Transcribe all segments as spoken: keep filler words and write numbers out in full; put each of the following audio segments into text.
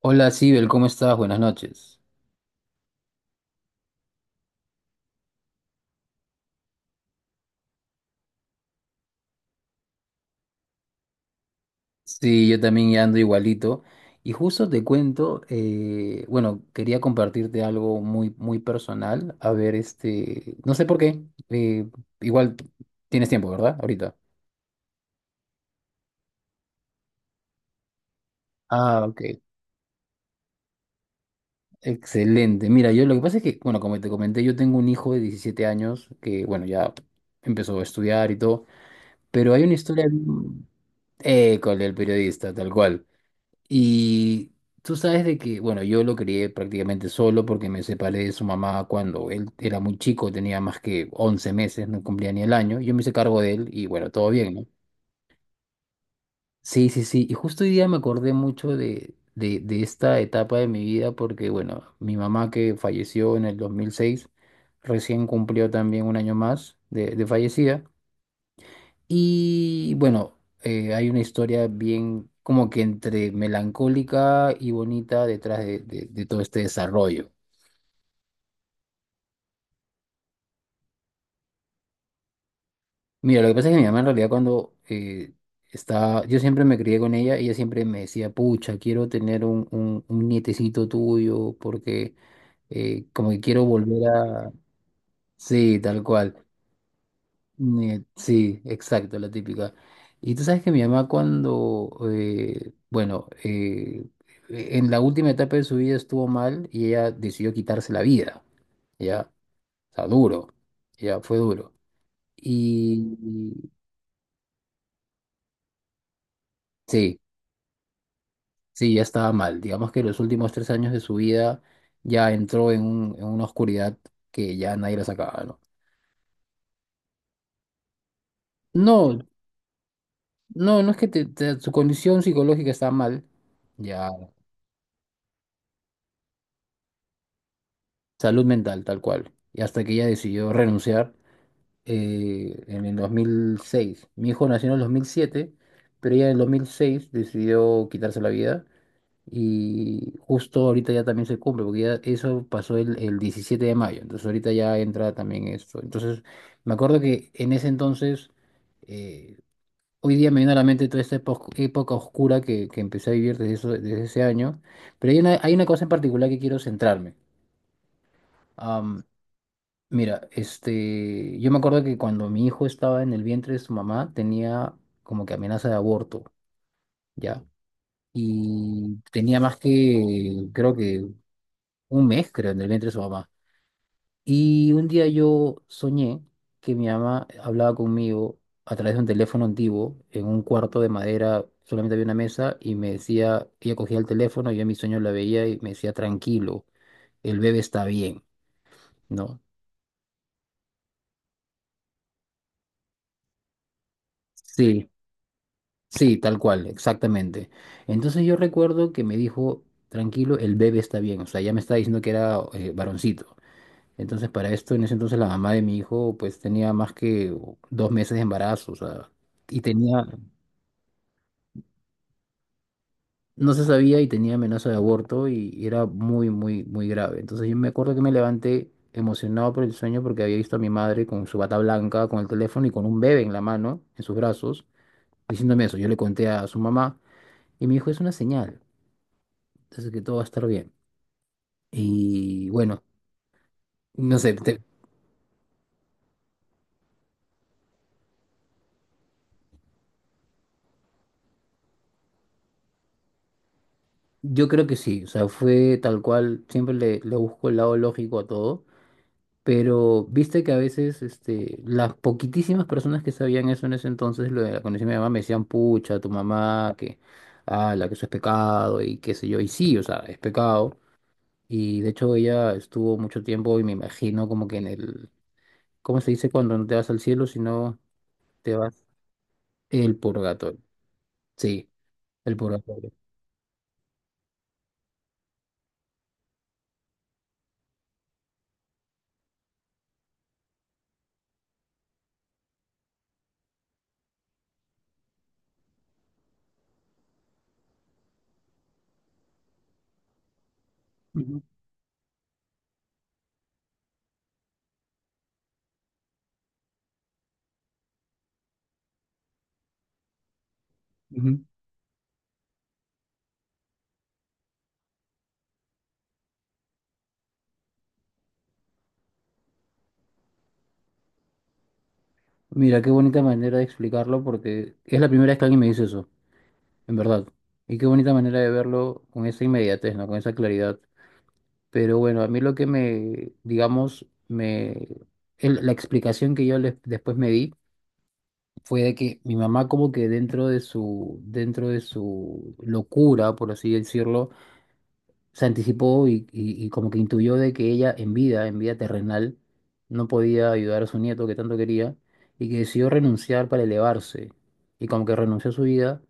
Hola, Sibel, ¿cómo estás? Buenas noches. Sí, yo también ya ando igualito. Y justo te cuento, eh, bueno, quería compartirte algo muy, muy personal. A ver, este, no sé por qué. eh, Igual tienes tiempo, ¿verdad? Ahorita. Ah, ok. Excelente. Mira, yo lo que pasa es que, bueno, como te comenté, yo tengo un hijo de diecisiete años que, bueno, ya empezó a estudiar y todo, pero hay una historia... bien- Eh, con el periodista, tal cual. Y tú sabes de que, bueno, yo lo crié prácticamente solo porque me separé de su mamá cuando él era muy chico, tenía más que once meses, no cumplía ni el año. Yo me hice cargo de él y bueno, todo bien, ¿no? Sí, sí, sí. Y justo hoy día me acordé mucho de, de, de esta etapa de mi vida porque, bueno, mi mamá que falleció en el dos mil seis recién cumplió también un año más de, de fallecida. Y bueno, eh, hay una historia bien como que entre melancólica y bonita detrás de, de- de todo este desarrollo. Mira, lo que pasa es que mi mamá en realidad cuando eh, estaba, yo siempre me crié con ella, ella siempre me decía, pucha, quiero tener un, un, un nietecito tuyo porque eh, como que quiero volver a... Sí, tal cual. Ne- Sí, exacto, la típica. Y tú sabes que mi mamá cuando, eh, bueno, eh, e, en la última etapa de su vida estuvo mal y ella decidió quitarse la vida, ya, o sea, duro, ya fue duro. Y y sí, sí, ya estaba mal. Digamos que los últimos tres años de su vida ya entró en, un- en una oscuridad que ya nadie la sacaba, ¿no? No, no, no es que te- te- su condición psicológica estaba mal, ya. Salud mental, tal cual. Y hasta que ella decidió renunciar eh, en el dos mil seis. Mi hijo nació en el dos mil siete, pero ella en el dos mil seis decidió quitarse la vida. Y justo ahorita ya también se cumple, porque ya eso pasó el, el diecisiete de mayo. Entonces ahorita ya entra también esto. Entonces me acuerdo que en ese entonces, eh, hoy día me viene a la mente toda esta epo- época oscura que, que empecé a vivir desde, eso- desde ese año. Pero hay una, hay una cosa en particular que quiero centrarme. Mira, este, yo me acuerdo que cuando mi hijo estaba en el vientre de su mamá tenía como que amenaza de aborto, ¿ya? Y tenía más que, creo que un mes, creo, en el vientre de su mamá. Y un día yo soñé que mi mamá hablaba conmigo a través de un teléfono antiguo en un cuarto de madera, solamente había una mesa y me decía, ella cogía el teléfono, yo en mi sueño la veía y me decía, tranquilo, el bebé está bien, ¿no? Sí. Sí, tal cual, exactamente. Entonces yo recuerdo que me dijo, tranquilo, el bebé está bien, o sea, ya me estaba diciendo que era eh, varoncito. Entonces para esto, en ese entonces la mamá de mi hijo pues tenía más que dos meses de embarazo, o sea, y tenía, no se sabía y tenía amenaza de aborto y, y era muy, muy, muy grave. Entonces yo me acuerdo que me levanté emocionado por el sueño porque había visto a mi madre con su bata blanca, con el teléfono y con un bebé en la mano, en sus brazos, diciéndome eso. Yo le conté a su mamá. Y me dijo, es una señal. Así que todo va a estar bien. Y bueno, no sé, te- yo creo que sí, o sea, fue tal cual, siempre le, le busco el lado lógico a todo, pero viste que a veces este, las poquitísimas personas que sabían eso en ese entonces, lo de la condición de mi mamá, me decían, pucha, tu mamá, que, ah, la que eso es pecado y qué sé yo, y sí, o sea, es pecado. Y de hecho ella estuvo mucho tiempo y me imagino como que en el, ¿cómo se dice cuando no te vas al cielo, sino te vas el purgatorio? Sí, el purgatorio. Ujú. Mira, qué bonita manera de explicarlo porque es la primera vez que alguien me dice eso, en verdad. Y qué bonita manera de verlo con esa inmediatez, ¿no? Con esa claridad. Pero bueno, a mí lo que me, digamos, me... el- la explicación que yo les- después me di fue de que mi mamá como que dentro de su, dentro de su locura, por así decirlo, se anticipó y, y- y como que intuyó de que ella en vida, en vida terrenal, no podía ayudar a su nieto que tanto quería y que decidió renunciar para elevarse. Y como que renunció a su vida,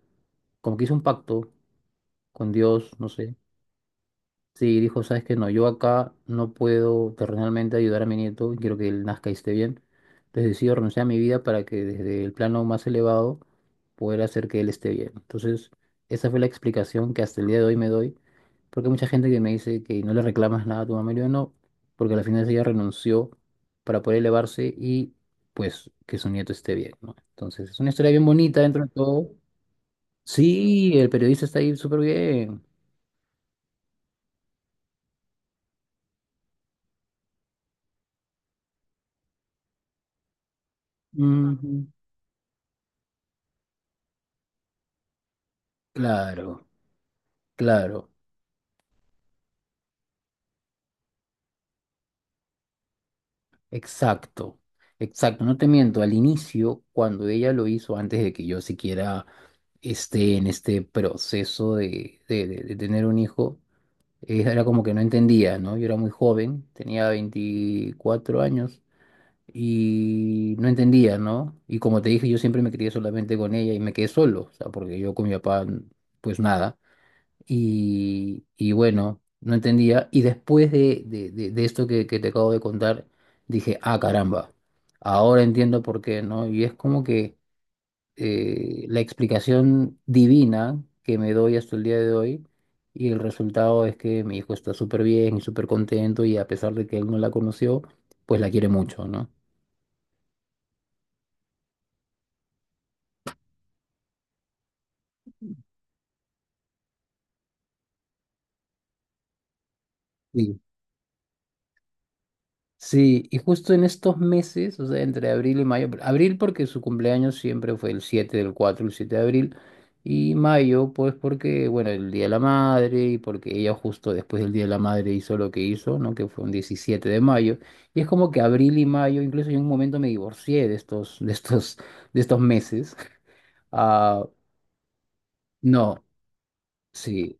como que hizo un pacto con Dios, no sé. Sí, dijo, sabes que no, yo acá no puedo terrenalmente ayudar a mi nieto, quiero que él nazca y esté bien. Entonces decido renunciar a mi vida para que desde el plano más elevado poder hacer que él esté bien. Entonces, esa fue la explicación que hasta el día de hoy me doy, porque hay mucha gente que me dice que no le reclamas nada a tu mamá, y yo no, porque al final ella renunció para poder elevarse y pues que su nieto esté bien, ¿no? Entonces, es una historia bien bonita dentro de todo. Sí, el periodista está ahí súper bien. Ujú. Claro. Claro, exacto, exacto. No te miento, al inicio, cuando ella lo hizo, antes de que yo siquiera esté en este proceso de, de- de- de tener un hijo, eh, era como que no entendía, ¿no? Yo era muy joven, tenía veinticuatro años y no entendía, ¿no? Y como te dije, yo siempre me crié solamente con ella y me quedé solo, o sea, porque yo con mi papá, pues nada. Y, y bueno, no entendía. Y después de, de- de- de esto que, que te acabo de contar, dije, ah, caramba, ahora entiendo por qué, ¿no? Y es como que eh, la explicación divina que me doy hasta el día de hoy, y el resultado es que mi hijo está súper bien y súper contento, y a pesar de que él no la conoció, pues la quiere mucho, ¿no? Sí, y justo en estos meses, o sea, entre abril y mayo, abril porque su cumpleaños siempre fue el siete del cuatro, el siete de abril, y mayo pues porque, bueno, el Día de la Madre y porque ella justo después del Día de la Madre hizo lo que hizo, ¿no? Que fue un diecisiete de mayo, y es como que abril y mayo, incluso yo en un momento me divorcié de estos, de estos, de estos meses. Ah, no, sí,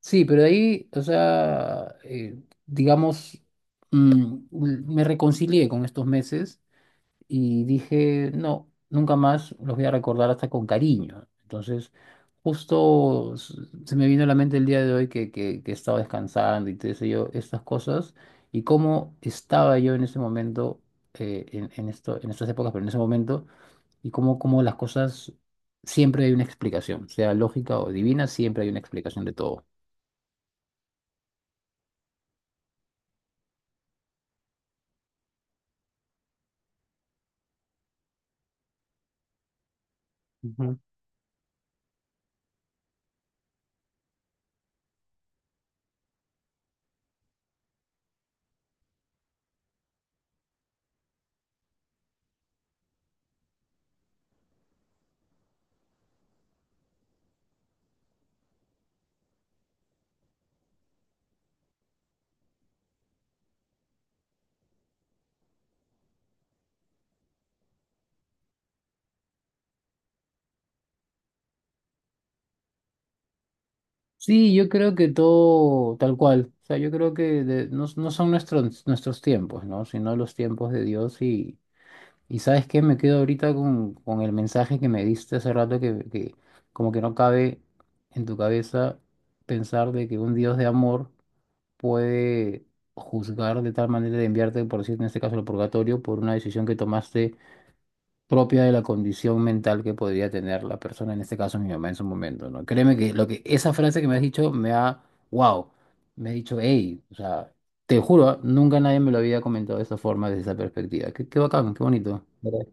sí, pero de ahí, o sea, eh, digamos, mm, me reconcilié con estos meses y dije, no, nunca más los voy a recordar hasta con cariño. Entonces, justo s- se me vino a la mente el día de hoy que, que, que estaba descansando y te sé yo, estas cosas, y cómo estaba yo en ese momento, eh, en, en esto, en estas épocas, pero en ese momento, y cómo, cómo las cosas, siempre hay una explicación, sea lógica o divina, siempre hay una explicación de todo. Sí, yo creo que todo tal cual. O sea, yo creo que de- no, no son nuestros, nuestros tiempos, ¿no? Sino los tiempos de Dios. Y, y ¿sabes qué? Me quedo ahorita con, con el mensaje que me diste hace rato que, que como que no cabe en tu cabeza pensar de que un Dios de amor puede juzgar de tal manera de enviarte, por decir en este caso, al purgatorio por una decisión que tomaste propia de la condición mental que podría tener la persona, en este caso mi mamá en su momento, ¿no? Créeme que lo que esa frase que me has dicho me ha, wow, me ha dicho, hey, o sea, te juro, ¿ah? Nunca nadie me lo había comentado de esa forma, desde esa perspectiva. Qué, qué bacán, qué bonito. ¿Verdad?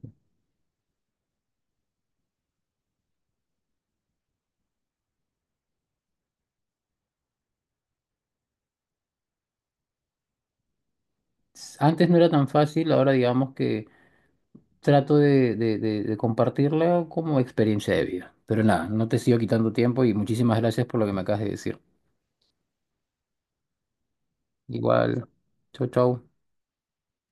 Antes no era tan fácil, ahora digamos que trato de, de, de, de compartirla como experiencia de vida. Pero nada, no te sigo quitando tiempo y muchísimas gracias por lo que me acabas de decir. Igual, chau, chau.